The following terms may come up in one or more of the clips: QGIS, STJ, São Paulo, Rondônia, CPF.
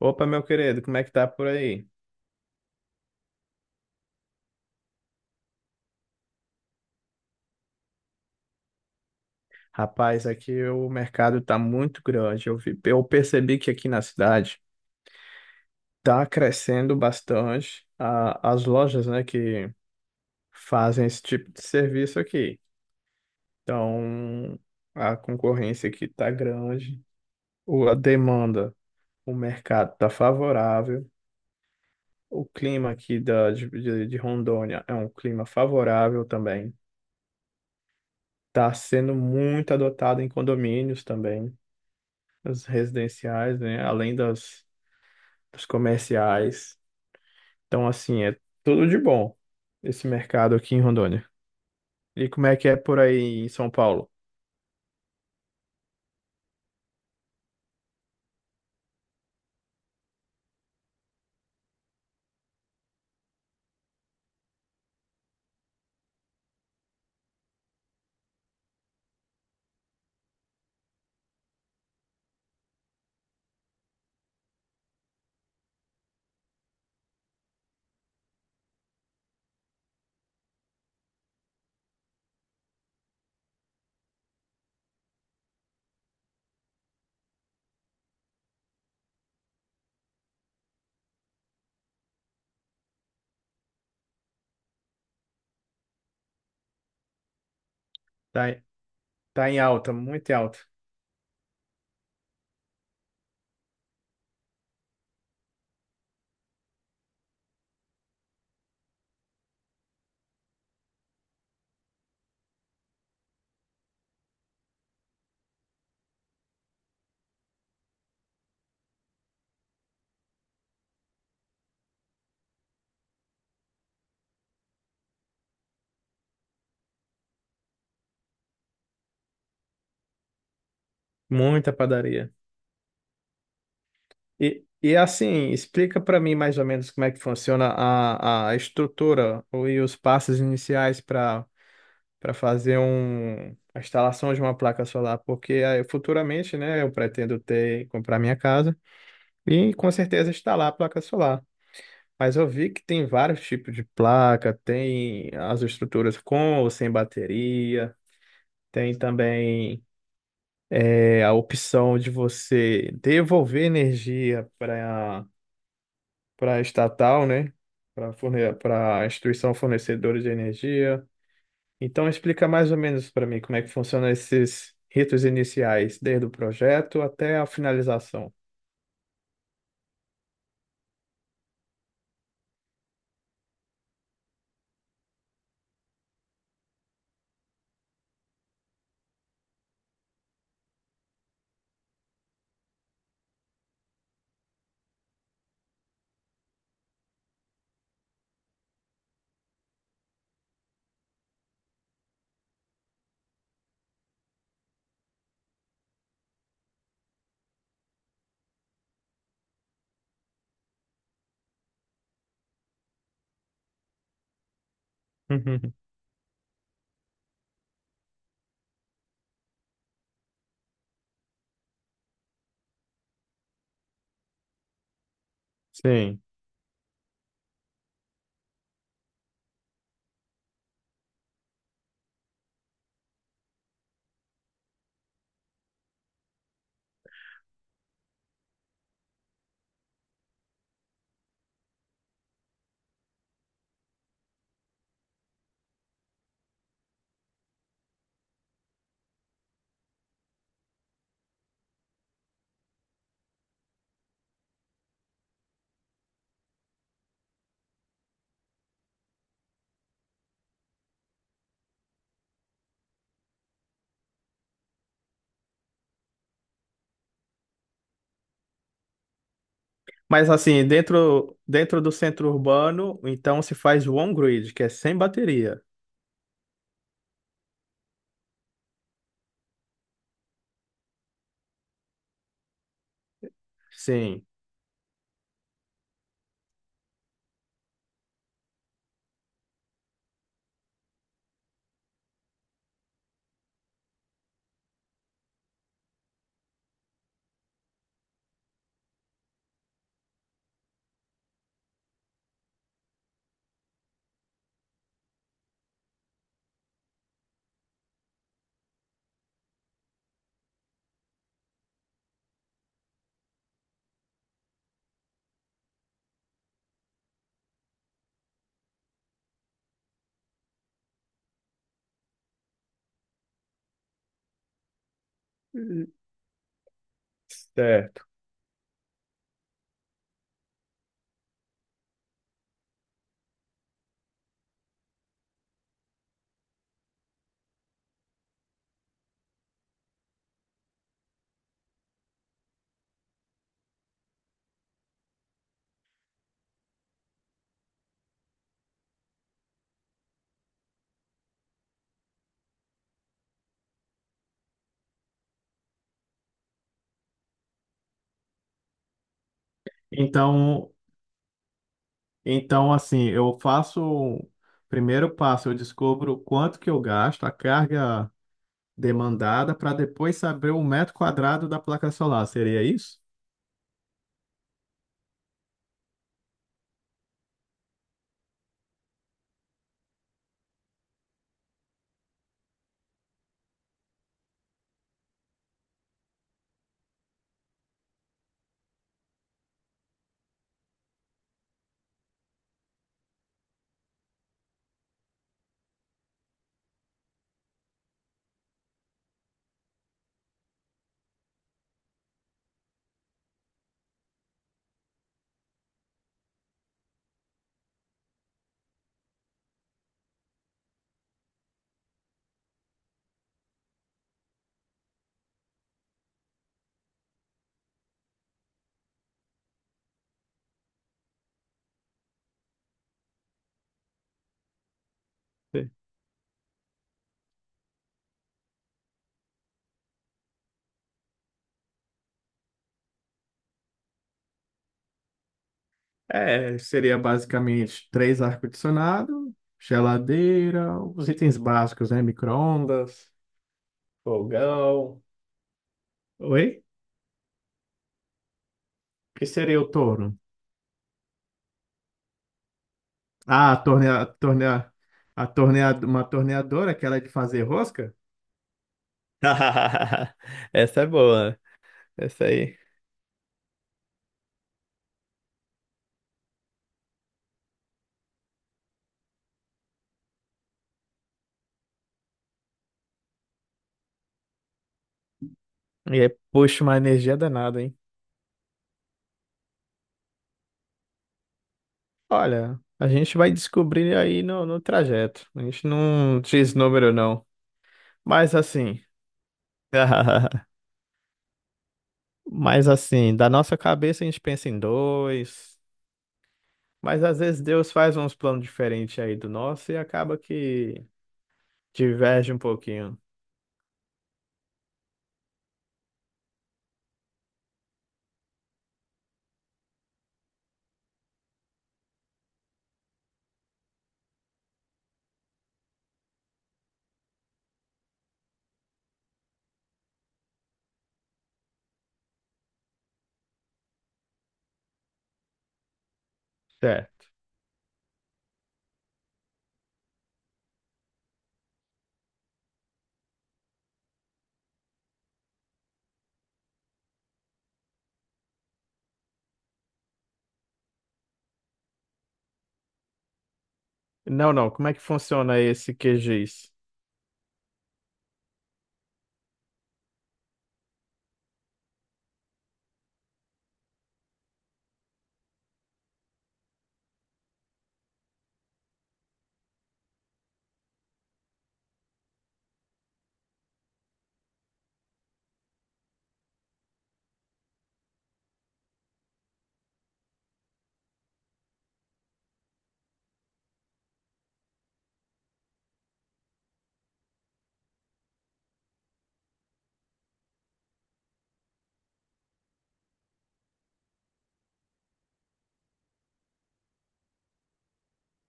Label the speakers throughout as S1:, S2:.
S1: Opa, meu querido, como é que tá por aí? Rapaz, aqui o mercado tá muito grande. Eu percebi que aqui na cidade tá crescendo bastante as lojas, né, que fazem esse tipo de serviço aqui. Então, a concorrência aqui tá grande, a demanda, o mercado tá favorável, o clima aqui da, de Rondônia é um clima favorável também. Tá sendo muito adotado em condomínios também. As residenciais, né? Além dos comerciais. Então, assim, é tudo de bom esse mercado aqui em Rondônia. E como é que é por aí em São Paulo? Tá, em- tá em alta, muito em alta. Muita padaria. E assim, explica para mim mais ou menos como é que funciona a estrutura e os passos iniciais para para fazer a instalação de uma placa solar, porque aí, futuramente, né, eu pretendo ter, comprar minha casa e com certeza instalar a placa solar. Mas eu vi que tem vários tipos de placa, tem as estruturas com ou sem bateria, tem também a opção de você devolver energia para a estatal, né? Para forne para a instituição fornecedora de energia. Então explica mais ou menos para mim como é que funcionam esses ritos iniciais, desde o projeto até a finalização. Sim. Mas assim, dentro do centro urbano, então se faz o on-grid, que é sem bateria. Sim. Certo. Então, então assim, eu faço o primeiro passo, eu descubro quanto que eu gasto, a carga demandada, para depois saber o metro quadrado da placa solar. Seria isso? Sim. É, seria basicamente três ar-condicionado, geladeira, os itens básicos, né? Micro-ondas, fogão. Oi? Que seria o torno? Ah, a torneia, torneia, a torneia, uma torneadora, aquela de fazer rosca? Essa é boa. Essa aí. E aí, puxa, uma energia danada, hein? Olha, a gente vai descobrir aí no trajeto. A gente não diz número, não. Mas assim. Mas assim, da nossa cabeça a gente pensa em dois. Mas às vezes Deus faz uns planos diferentes aí do nosso e acaba que diverge um pouquinho. Certo. Não, não. Como é que funciona esse QGIS?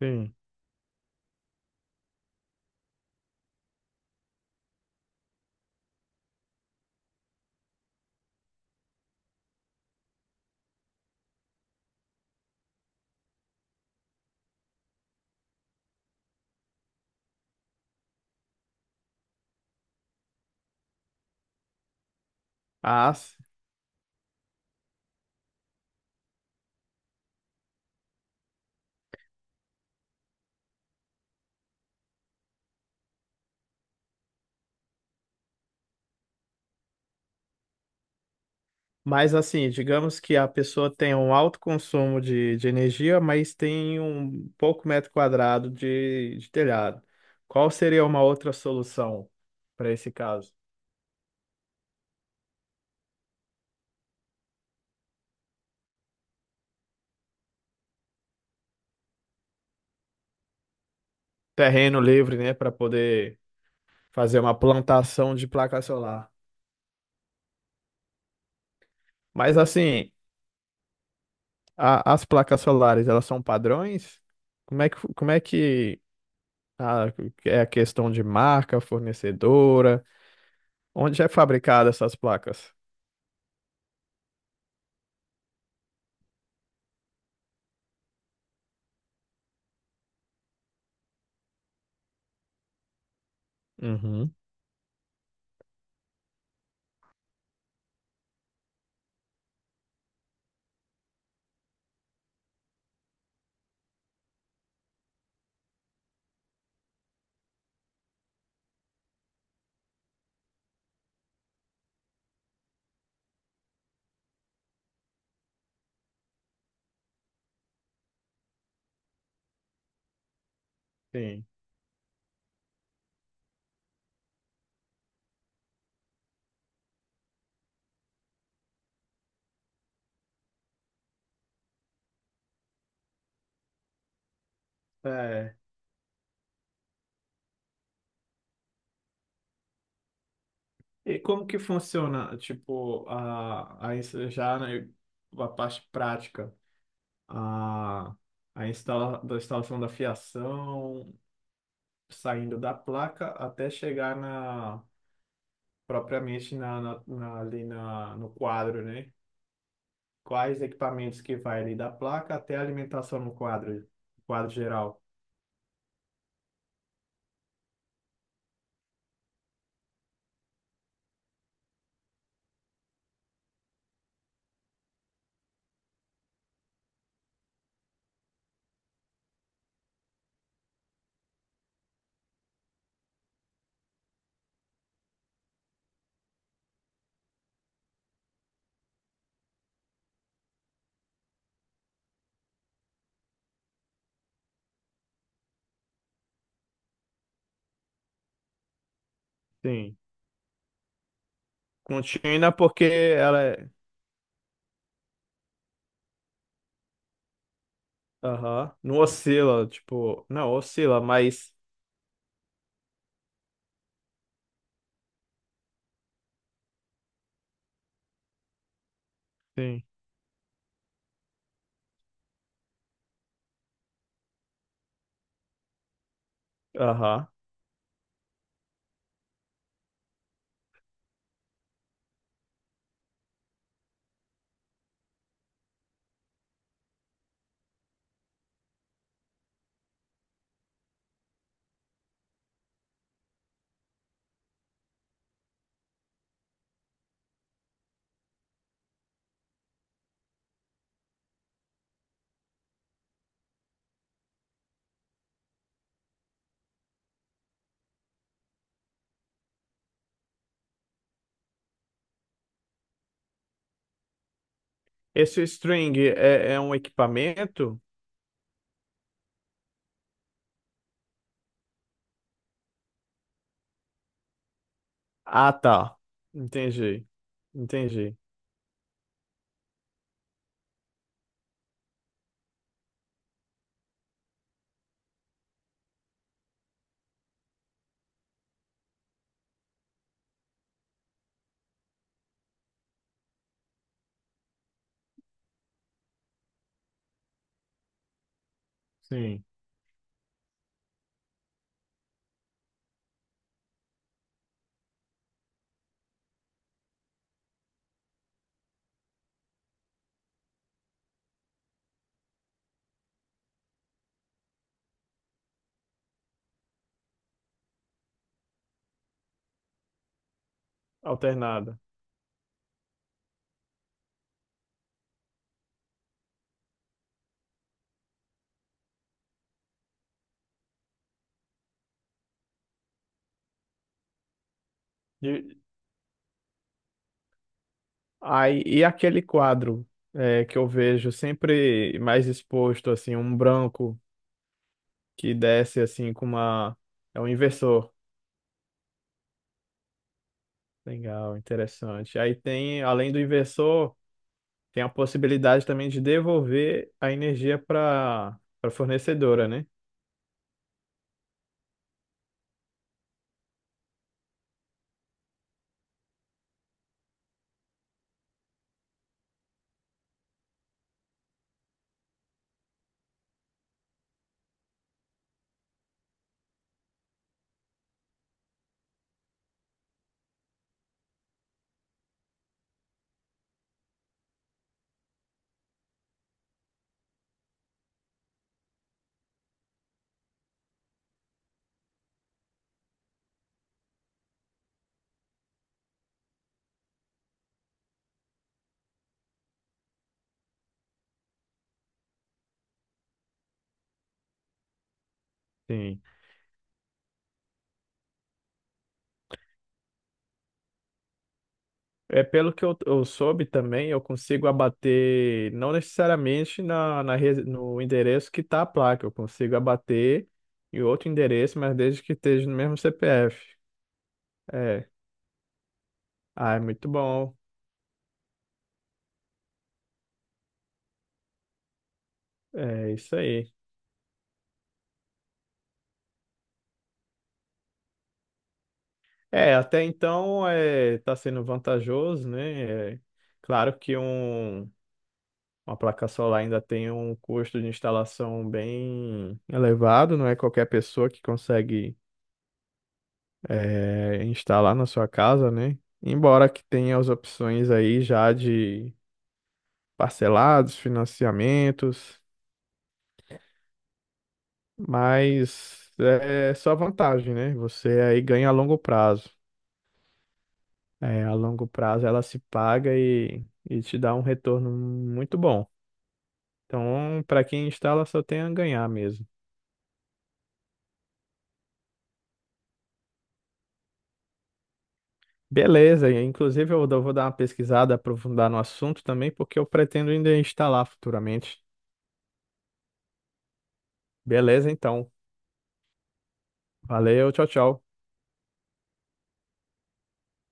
S1: Sim. As... Mas assim, digamos que a pessoa tem um alto consumo de energia, mas tem um pouco metro quadrado de telhado. Qual seria uma outra solução para esse caso? Terreno livre, né, para poder fazer uma plantação de placa solar. Mas assim, as placas solares, elas são padrões? Como é que, como é que ah, é a questão de marca, fornecedora? Onde é fabricada essas placas? Uhum. Sim. É. E como que funciona, tipo, já né, a parte prática, a, a instala, da instalação da fiação, saindo da placa até chegar na, propriamente no quadro, né? Quais equipamentos que vai ali da placa até a alimentação no quadro, quadro geral? Sim. Contínua porque ela é Aham. Não oscila, tipo. Não, oscila, mas. Sim. Aham. Esse string é, é um equipamento? Ah, tá. Entendi. Entendi. Sim. Alternada. E, aí, e aquele quadro é, que eu vejo sempre mais exposto, assim, um branco que desce assim com uma. É um inversor. Legal, interessante. Aí tem, além do inversor. Tem a possibilidade também de devolver a energia para a fornecedora, né? Sim. É pelo que eu soube também, eu consigo abater não necessariamente no endereço que está a placa, eu consigo abater em outro endereço, mas desde que esteja no mesmo CPF. É. Ah, é muito bom. É isso aí. É, até então é, tá sendo vantajoso, né? É, claro que um uma placa solar ainda tem um custo de instalação bem elevado, não é qualquer pessoa que consegue instalar na sua casa, né? Embora que tenha as opções aí já de parcelados, financiamentos, mas é só vantagem, né? Você aí ganha a longo prazo. A longo prazo ela se paga e te dá um retorno muito bom. Então, para quem instala, só tem a ganhar mesmo. Beleza, e inclusive vou dar uma pesquisada, aprofundar no assunto também, porque eu pretendo ainda instalar futuramente. Beleza, então. Valeu, tchau, tchau.